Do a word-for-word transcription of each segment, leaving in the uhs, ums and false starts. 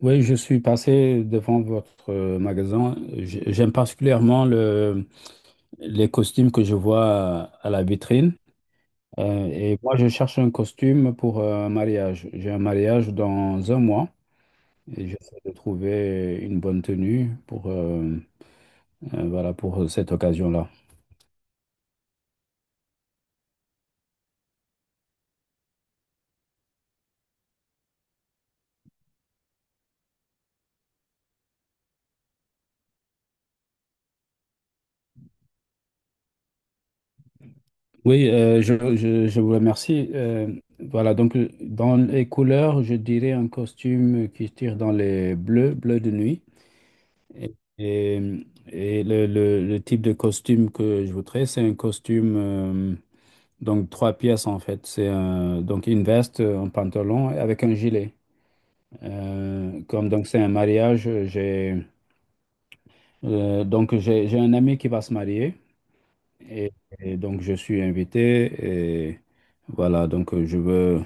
Oui, je suis passé devant votre euh, magasin. J- J'aime particulièrement le- les costumes que je vois à la vitrine. Euh, et moi, je cherche un costume pour euh, un mariage. J'ai un mariage dans un mois et j'essaie de trouver une bonne tenue pour, euh, euh, voilà, pour cette occasion-là. Oui, euh, je, je- je vous remercie. Euh, voilà, donc euh, dans les couleurs, je dirais un costume qui tire dans les bleus, bleu de nuit. Et, et- et le, le- le type de costume que je voudrais, c'est un costume, euh, donc trois pièces en fait. C'est un- donc une veste, un pantalon avec un gilet. Euh, comme donc c'est un mariage, j'ai euh, donc j'ai j'ai un ami qui va se marier et, et donc je suis invité et voilà donc euh, je veux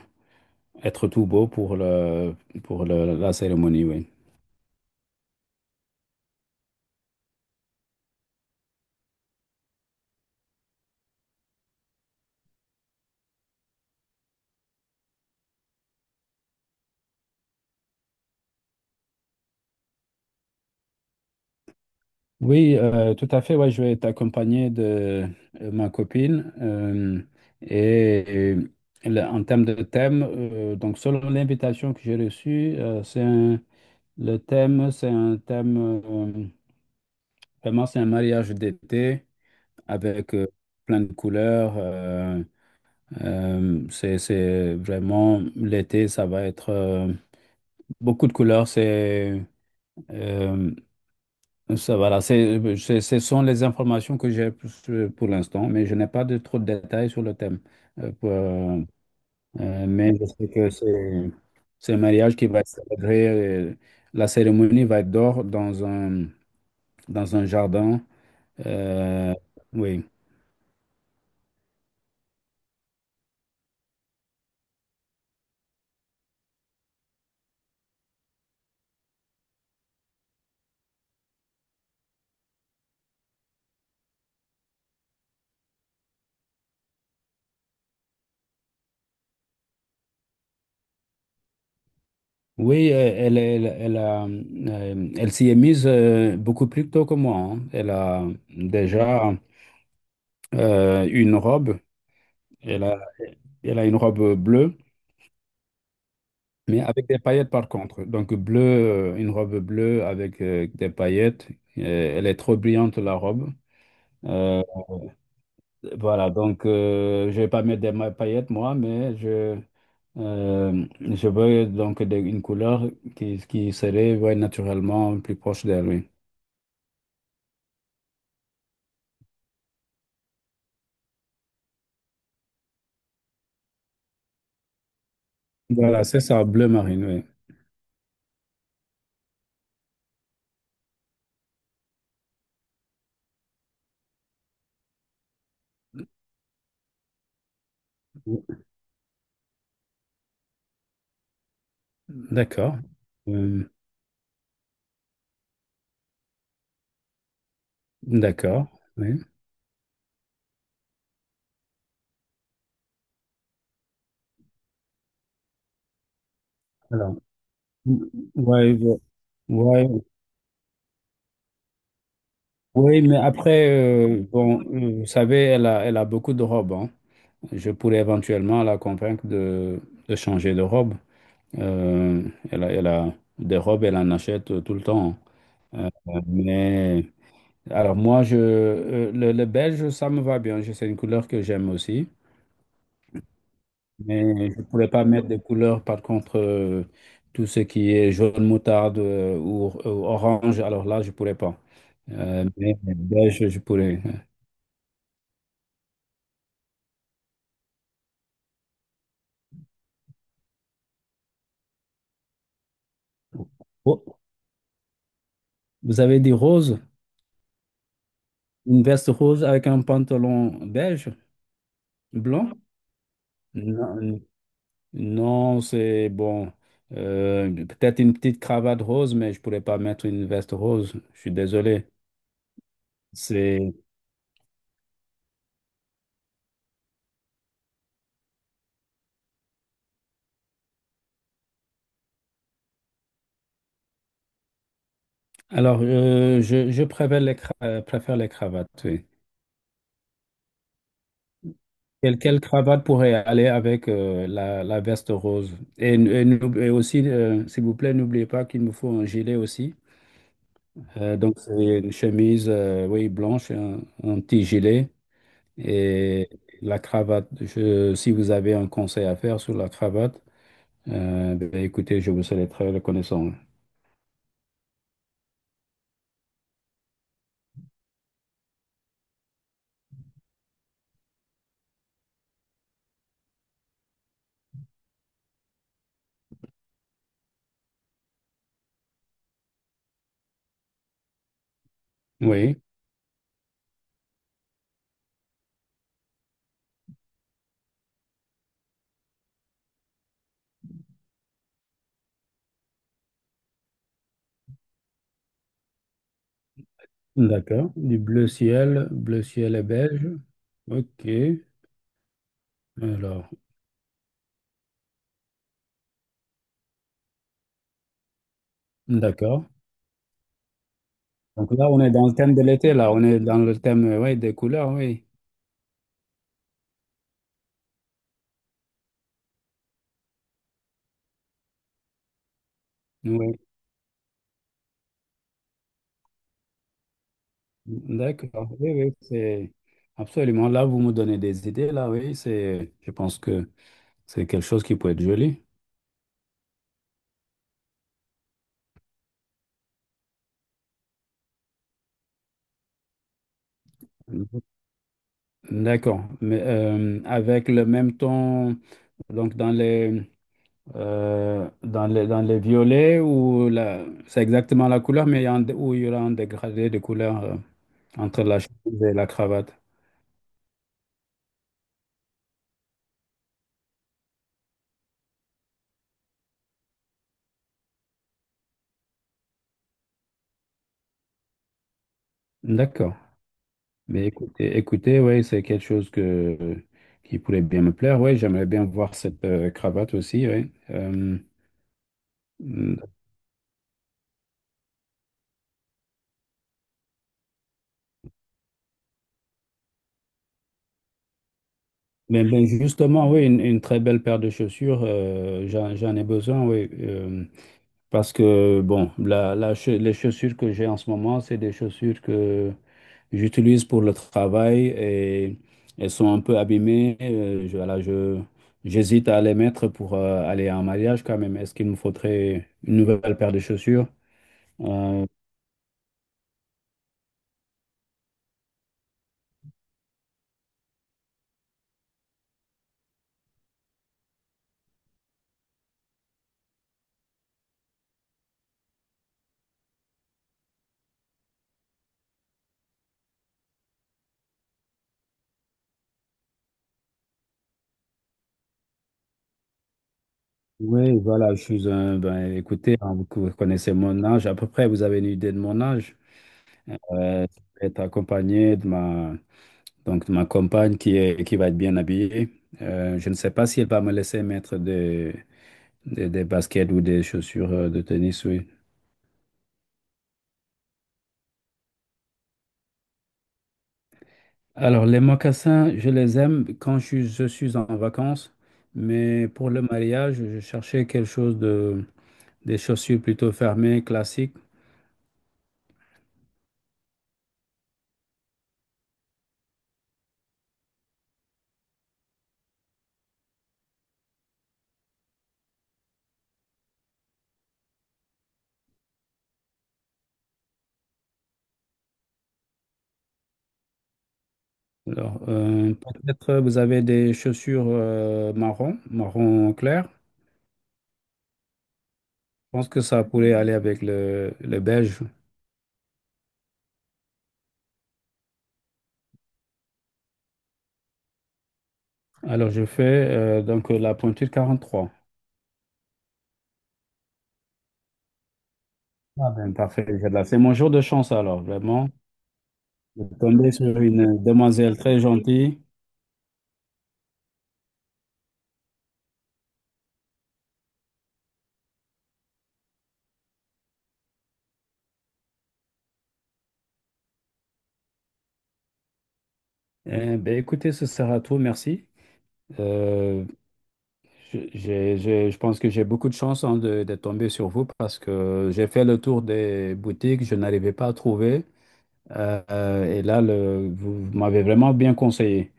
être tout beau pour le pour le- la cérémonie, oui. Oui, euh, tout à fait. Ouais, je vais t'accompagner de euh, ma copine. euh, et, et le- En termes de thème, euh, donc selon l'invitation que j'ai reçue, euh, c'est un- le thème, c'est un thème, euh, vraiment, c'est un mariage d'été avec euh, plein de couleurs. euh, euh, c'est, c'est vraiment l'été, ça va être euh, beaucoup de couleurs. C'est euh, Ça, voilà, c'est, c'est- ce sont les informations que j'ai pour, pour l'instant, mais je n'ai pas de trop de détails sur le thème. Euh, pour- euh, euh, mais je sais que c'est c'est un mariage qui va être célébré. Euh, la cérémonie va être dehors dans un, dans un jardin. Euh, oui, oui, euh, elle, elle, elle a, euh, elle s'y est mise euh, beaucoup plus tôt que moi, hein. Elle a déjà euh, une robe. Elle a, Elle a une robe bleue, mais avec des paillettes par contre. Donc bleu, euh, une robe bleue avec euh, des paillettes. Euh, Elle est trop brillante la robe. Euh, voilà, donc euh, je vais pas mettre des ma- paillettes moi, mais je, euh, je veux donc des- une couleur qui, qui serait ouais, naturellement plus proche d'elle, oui. Voilà, c'est ça, bleu marine, oui. D'accord. Euh, d'accord, oui. Alors, ouais, ouais. Oui, mais après, euh, bon, euh, vous savez, elle a, elle a beaucoup de robes, hein. Je pourrais éventuellement la convaincre de, de changer de robe. Euh, elle a, Elle a des robes, elle en achète euh, tout le temps, hein. Euh, mais alors moi, je, euh, le, le beige, ça me va bien. Je- C'est une couleur que j'aime aussi. Mais je ne pourrais pas mettre des couleurs, par contre, euh, tout ce qui est jaune moutarde euh, ou, ou orange, alors là, je ne pourrais pas. Euh, mais beige, je pourrais. Vous avez des roses, une veste rose avec un pantalon beige, blanc? Non, non, c'est bon. Euh, peut-être une petite cravate rose, mais je pourrais pas mettre une veste rose. Je suis désolé. C'est alors euh, je, je préfère les cra- euh, préfère les cravates, oui. Quelle, quelle cravate pourrait aller avec euh, la, la veste rose? Et, n- et n'oub- et aussi, euh, s'il vous plaît, n'oubliez pas qu'il me faut un gilet aussi. Euh, donc c'est une chemise euh, oui blanche, un, un petit gilet. Et la cravate, je- si vous avez un conseil à faire sur la cravate, euh, ben, écoutez, je vous serai très reconnaissant. Oui, d'accord. Du bleu ciel, bleu ciel et beige. Ok, alors, d'accord. Donc là, on est dans le thème de l'été, là, on est dans le thème, euh, oui, des couleurs, oui. Oui, d'accord. Oui, oui, c'est absolument. Là, vous me donnez des idées, là, oui, c'est, je pense que c'est quelque chose qui peut être joli. D'accord. Mais euh, avec le même ton, donc dans les, euh, dans les, dans les violets, ou la, c'est exactement la couleur, mais il y a un- où il y aura un dégradé de couleur euh, entre la chemise et la cravate. D'accord. Mais écoutez, écoutez, oui, c'est quelque chose que, qui pourrait bien me plaire. Oui, j'aimerais bien voir cette euh, cravate aussi. Oui. Euh, mm, mais, mais justement, oui, une, une très belle paire de chaussures, euh, j'en, j'en ai besoin, oui. Euh, Parce que, bon, la, la che- les chaussures que j'ai en ce moment, c'est des chaussures que j'utilise pour le travail et elles sont un peu abîmées. Euh, je, voilà, je, j'hésite à les mettre pour euh, aller en mariage quand même. Est-ce qu'il me faudrait une nouvelle paire de chaussures? Euh, oui, voilà, je suis un, ben, écoutez, hein, vous vous connaissez mon âge à peu près, vous avez une idée de mon âge. Euh, je vais être accompagné de ma, donc ma compagne qui est, qui va être bien habillée, euh, je ne sais pas si elle va me laisser mettre des, des, des baskets ou des chaussures euh, de tennis, oui. Alors, les mocassins, je les aime quand je, suis- je suis en vacances, mais pour le mariage, je cherchais quelque chose de, des chaussures plutôt fermées, classiques. Alors, euh, peut-être vous avez des chaussures euh, marron, marron clair. Je pense que ça pourrait aller avec le, le beige. Alors, je fais euh, donc la pointure quarante-trois. Ah ben, parfait. j'ai de la- C'est mon jour de chance alors, vraiment. Je suis tombé sur une demoiselle très gentille. Eh ben, écoutez, ce sera tout, merci. Euh, je, j'ai- j'ai- je pense que j'ai beaucoup de chance hein, de, de tomber sur vous parce que j'ai fait le tour des boutiques, je n'arrivais pas à trouver. Euh, et là, le- vous, vous m'avez vraiment bien conseillé.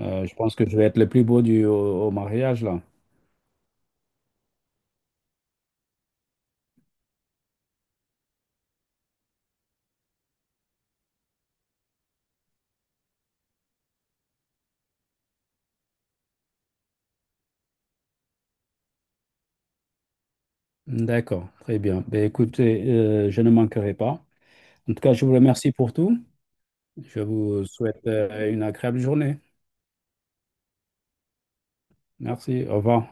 Euh, je pense que je vais être le plus beau du, au, au mariage, là. D'accord, très bien. Ben, écoutez, euh, je ne manquerai pas. En tout cas, je vous remercie pour tout. Je vous souhaite euh, une agréable journée. Merci, au revoir.